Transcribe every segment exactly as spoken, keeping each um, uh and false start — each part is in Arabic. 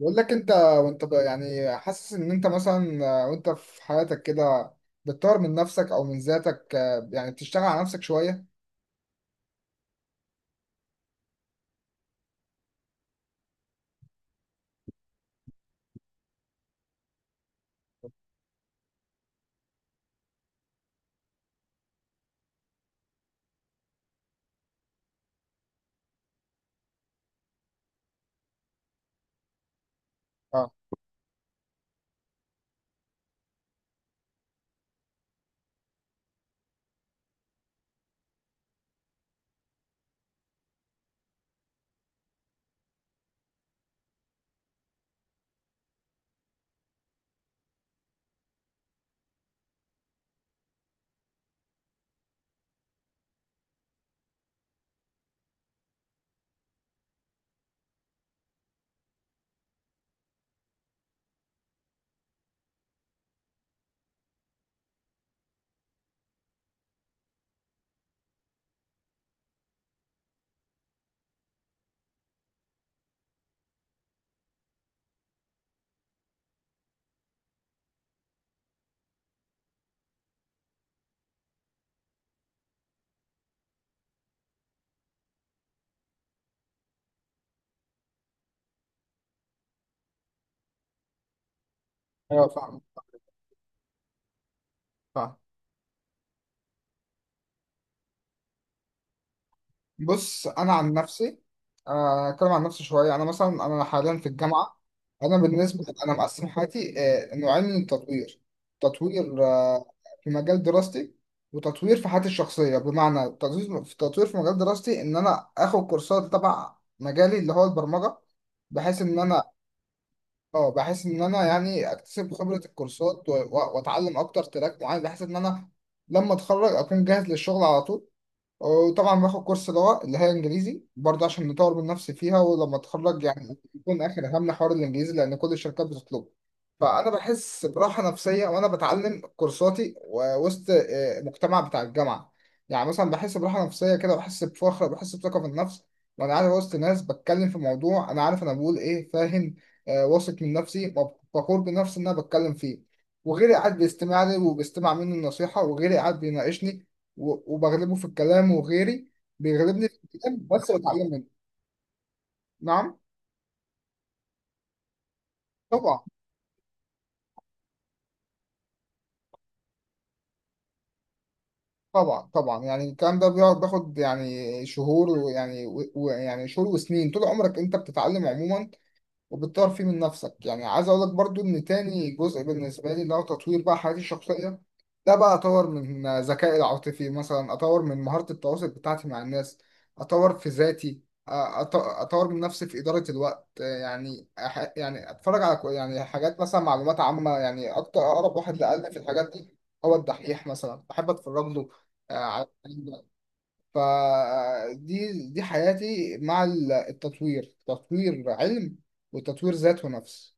بقول لك انت وانت ب- يعني حاسس ان انت مثلا آه، وانت في حياتك كده، بتطور من نفسك او من ذاتك، آه، يعني بتشتغل على نفسك شوية. اه، ايوه، فاهم، فاهم. بص، انا عن نفسي، آه، اتكلم عن نفسي شوية. انا مثلا انا حاليا في الجامعة. انا بالنسبه، انا مقسم حياتي آه، نوعين من التطوير: تطوير آه، في مجال دراستي، وتطوير في حياتي الشخصيه. بمعنى تطوير في تطوير في مجال دراستي ان انا اخد كورسات تبع مجالي اللي هو البرمجه، بحيث ان انا اه بحيث ان انا يعني اكتسب خبره الكورسات و- و- واتعلم اكتر تراك معين، بحيث ان انا لما اتخرج اكون جاهز للشغل على طول. وطبعا باخد كورس لغة اللي هي انجليزي برضه عشان نطور من نفسي فيها، ولما اتخرج يعني يكون اخر همنا حوار الانجليزي، لان كل الشركات بتطلبه. فانا بحس براحة نفسية وانا بتعلم كورساتي ووسط آه، المجتمع بتاع الجامعة. يعني مثلا بحس براحة نفسية كده، بحس بفخر، بحس بثقة في النفس وانا قاعد وسط ناس بتكلم في موضوع انا عارف انا بقول ايه، فاهم؟ آه، واثق من نفسي، فخور بنفسي ان انا بتكلم فيه، وغيري قاعد بيستمع لي وبيستمع مني النصيحة، وغيري قاعد بيناقشني و- وبغلبه في الكلام، وغيري بيغلبني في الكلام بس بتعلم منه. نعم. طبعا. طبعا طبعا، يعني الكلام ده بيقعد بياخد يعني شهور ويعني و- ويعني شهور وسنين. طول عمرك انت بتتعلم عموما وبتطور فيه من نفسك. يعني عايز اقول لك برضو ان تاني جزء بالنسبه لي اللي هو تطوير بقى حياتي الشخصيه، ده بقى اطور من ذكائي العاطفي، مثلا اطور من مهاره التواصل بتاعتي مع الناس، اطور في ذاتي، أ- أط- اطور من نفسي في اداره الوقت. يعني أح- يعني اتفرج على كو- يعني حاجات مثلا معلومات عامه. يعني اكتر اقرب واحد لقلبي في الحاجات دي هو الدحيح، مثلا بحب اتفرج له آه، على فدي دي حياتي مع ال- التطوير، تطوير علم وتطوير ذات ونفس.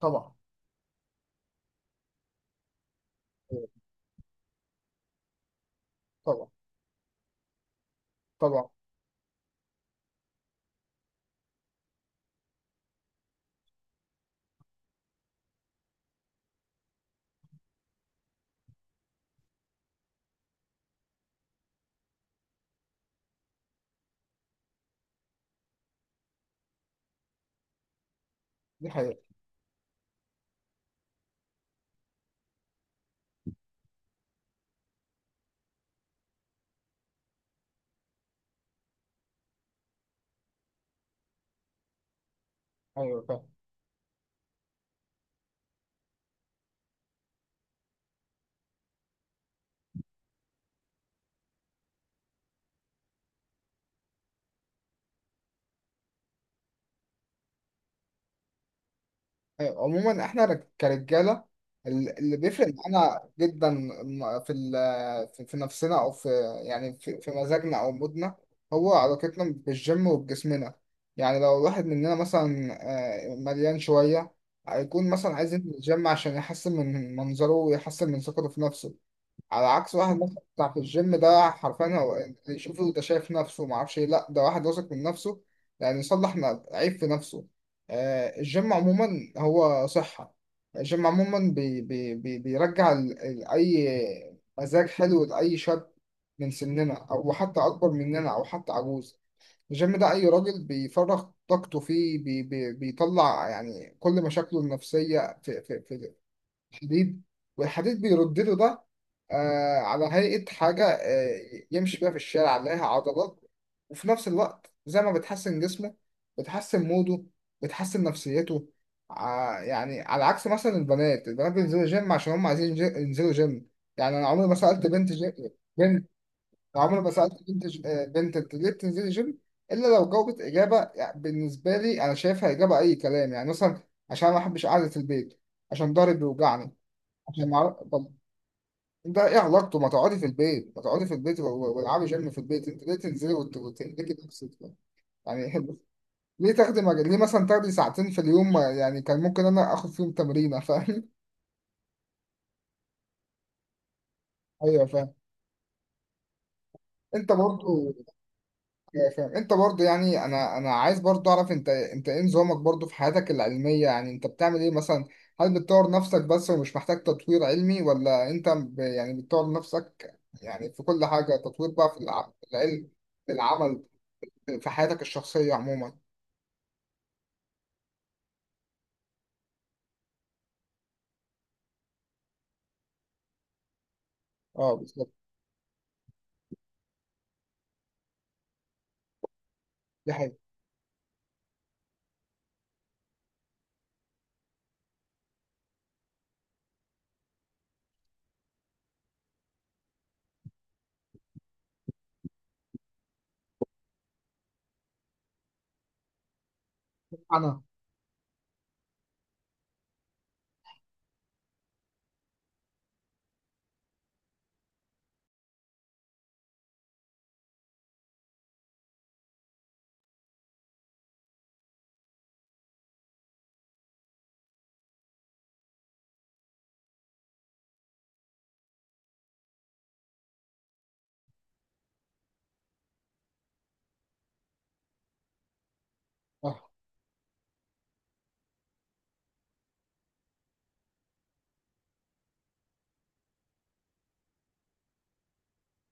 طبعا. طبعا. طبعا. دي حقيقة. أيوة فاهم. أيوة، عموما إحنا رج- كرجالة، ال- اللي بيفرق معانا جدا م- في ال- في في نفسنا أو في، يعني في في مزاجنا أو مودنا، هو علاقتنا بالجيم وبجسمنا. يعني لو الواحد مننا مثلا آه، مليان شوية، هيكون مثلا عايز ينزل الجيم عشان يحسن من منظره ويحسن من ثقته في نفسه، على عكس واحد مثلا بتاع في الجيم ده. حرفيا هو اللي يشوفه ده شايف نفسه ما اعرفش ايه، لا ده واحد واثق من نفسه، يعني يصلح ن- عيب في نفسه. آه، الجيم عموما هو صحة. الجيم عموما بي بي بي بيرجع ال- ال- اي مزاج حلو لاي شاب من سننا او حتى اكبر مننا او حتى عجوز. الجيم ده اي راجل بيفرغ طاقته فيه بي بي بيطلع يعني كل مشاكله النفسية في في في حديد، والحديد بيرد له ده آه على هيئة حاجة آه يمشي بيها في الشارع عليها عضلات. وفي نفس الوقت زي ما بتحسن جسمه، بتحسن موده، بتحسن نفسيته. ع- يعني على عكس مثلا البنات البنات بينزلوا جيم عشان هم عايزين جي- ينزلوا جيم. يعني أنا عمري ما سألت بنت جي... بنت، عمري ما سألت بنت ج... آه، بنت: أنت ليه بتنزلي جيم؟ إلا لو جاوبت إجابة يعني بالنسبة لي أنا شايفها إجابة أي كلام، يعني مثلا: عشان أنا ما بحبش قعدة البيت، عشان ضهري بيوجعني. عشان نعرف، طب انت ايه علاقته؟ ما تقعدي في البيت، ما تقعدي في البيت و- و- والعبي جيم في البيت. انت ليه تنزلي وت- وتهلكي نفسك؟ يعني ليه تاخدي مجال، ليه مثلا تاخدي ساعتين في اليوم ما- يعني كان ممكن انا اخد فيهم تمرينه، فاهم؟ ايوه فاهم. انت برضو؟ ايوه فاهم. انت برضو يعني، انا انا عايز برضو اعرف انت، انت ايه نظامك برضو في حياتك العلميه؟ يعني انت بتعمل ايه مثلا؟ هل بتطور نفسك بس ومش محتاج تطوير علمي، ولا انت ب- يعني بتطور نفسك يعني في كل حاجه، تطوير بقى في الع- في العلم، في العمل، في حياتك الشخصية عموما؟ اه، بالظبط، دي حقيقة. أنا اه،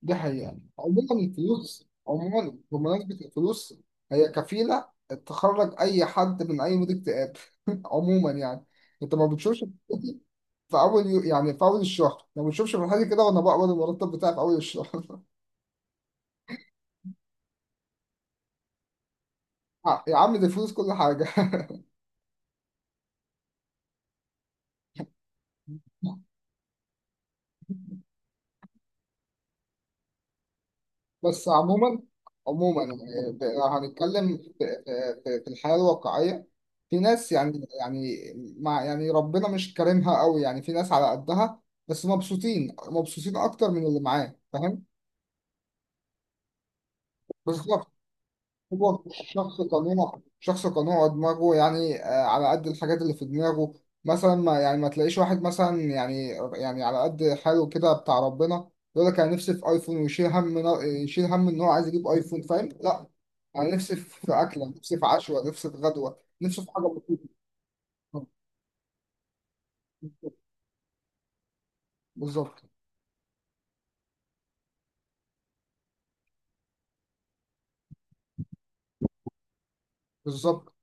دي حقيقة. يعني عموما الفلوس، عموما بمناسبة الفلوس، هي كفيلة تخرج أي حد من أي مود اكتئاب. عموما يعني، أنت ما بتشوفش في أول يو... يعني في أول الشهر، ما بتشوفش في حاجة كده وأنا بقبض المرتب بتاعي في أول الشهر. آه، يا عم دي الفلوس كل حاجة. بس عموما عموما آه، ب- لو هنتكلم في في- في الحياة الواقعية، في ناس يعني يعني مع يعني ربنا مش كارمها قوي، يعني في ناس على قدها بس مبسوطين، مبسوطين اكتر من اللي معاه، فاهم؟ بالظبط. هو شخص قنوع، شخص قنوع، دماغه يعني آه، على قد الحاجات اللي في دماغه. مثلا ما يعني ما تلاقيش واحد مثلا يعني، يعني على قد حاله كده بتاع ربنا، يقول لك انا نفسي في ايفون ويشيل هم، يشيل هم ان هو عايز يجيب ايفون، فاهم؟ لا، انا نفسي في اكله، نفسي في عشوه، نفسي في غدوه، نفسي في حاجه بسيطه. بالظبط. بالظبط.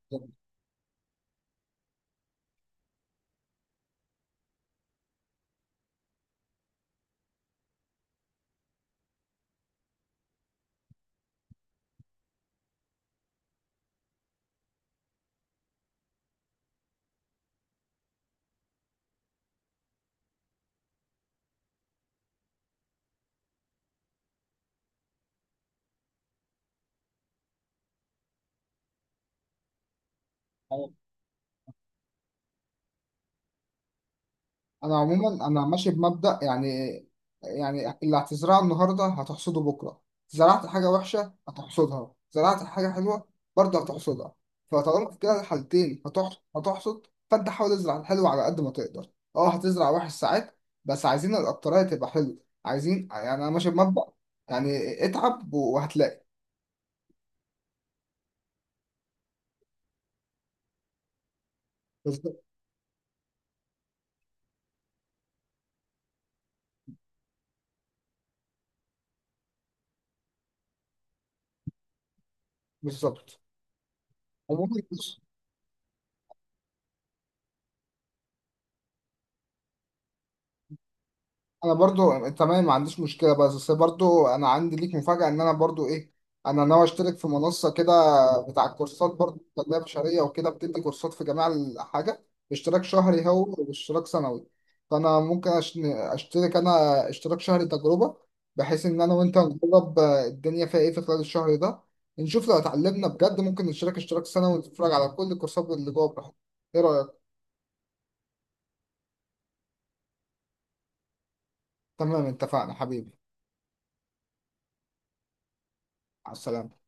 انا عموما انا ماشي بمبدأ، يعني يعني اللي هتزرعه النهارده هتحصده بكره. زرعت حاجه وحشه هتحصدها، زرعت حاجه حلوه برضه هتحصدها. فطالما في كده الحالتين هتحصد، هتحصد، فانت حاول تزرع الحلو على قد ما تقدر. اه، هتزرع وحش ساعات، بس عايزين الاكتريه تبقى حلو. عايزين يعني، انا ماشي بمبدأ يعني اتعب وهتلاقي. بالظبط. بالظبط. عموما انا برضو تمام، ما عنديش مشكله، بس بس برضو انا عندي ليك مفاجاه، ان انا برضو ايه، انا ناوي اشترك في منصه كده بتاع كورسات برضو تنميه بشريه وكده، بتدي كورسات في جميع الحاجه. اشتراك شهري هو واشتراك سنوي. فانا ممكن أش- اشترك انا اشتراك شهري تجربه، بحيث ان انا وانت نجرب الدنيا فيها ايه في خلال الشهر ده. نشوف لو اتعلمنا بجد ممكن نشترك اشتراك سنوي ونتفرج على كل الكورسات اللي جوه براحتنا. ايه رايك؟ تمام، اتفقنا حبيبي. على السلامه.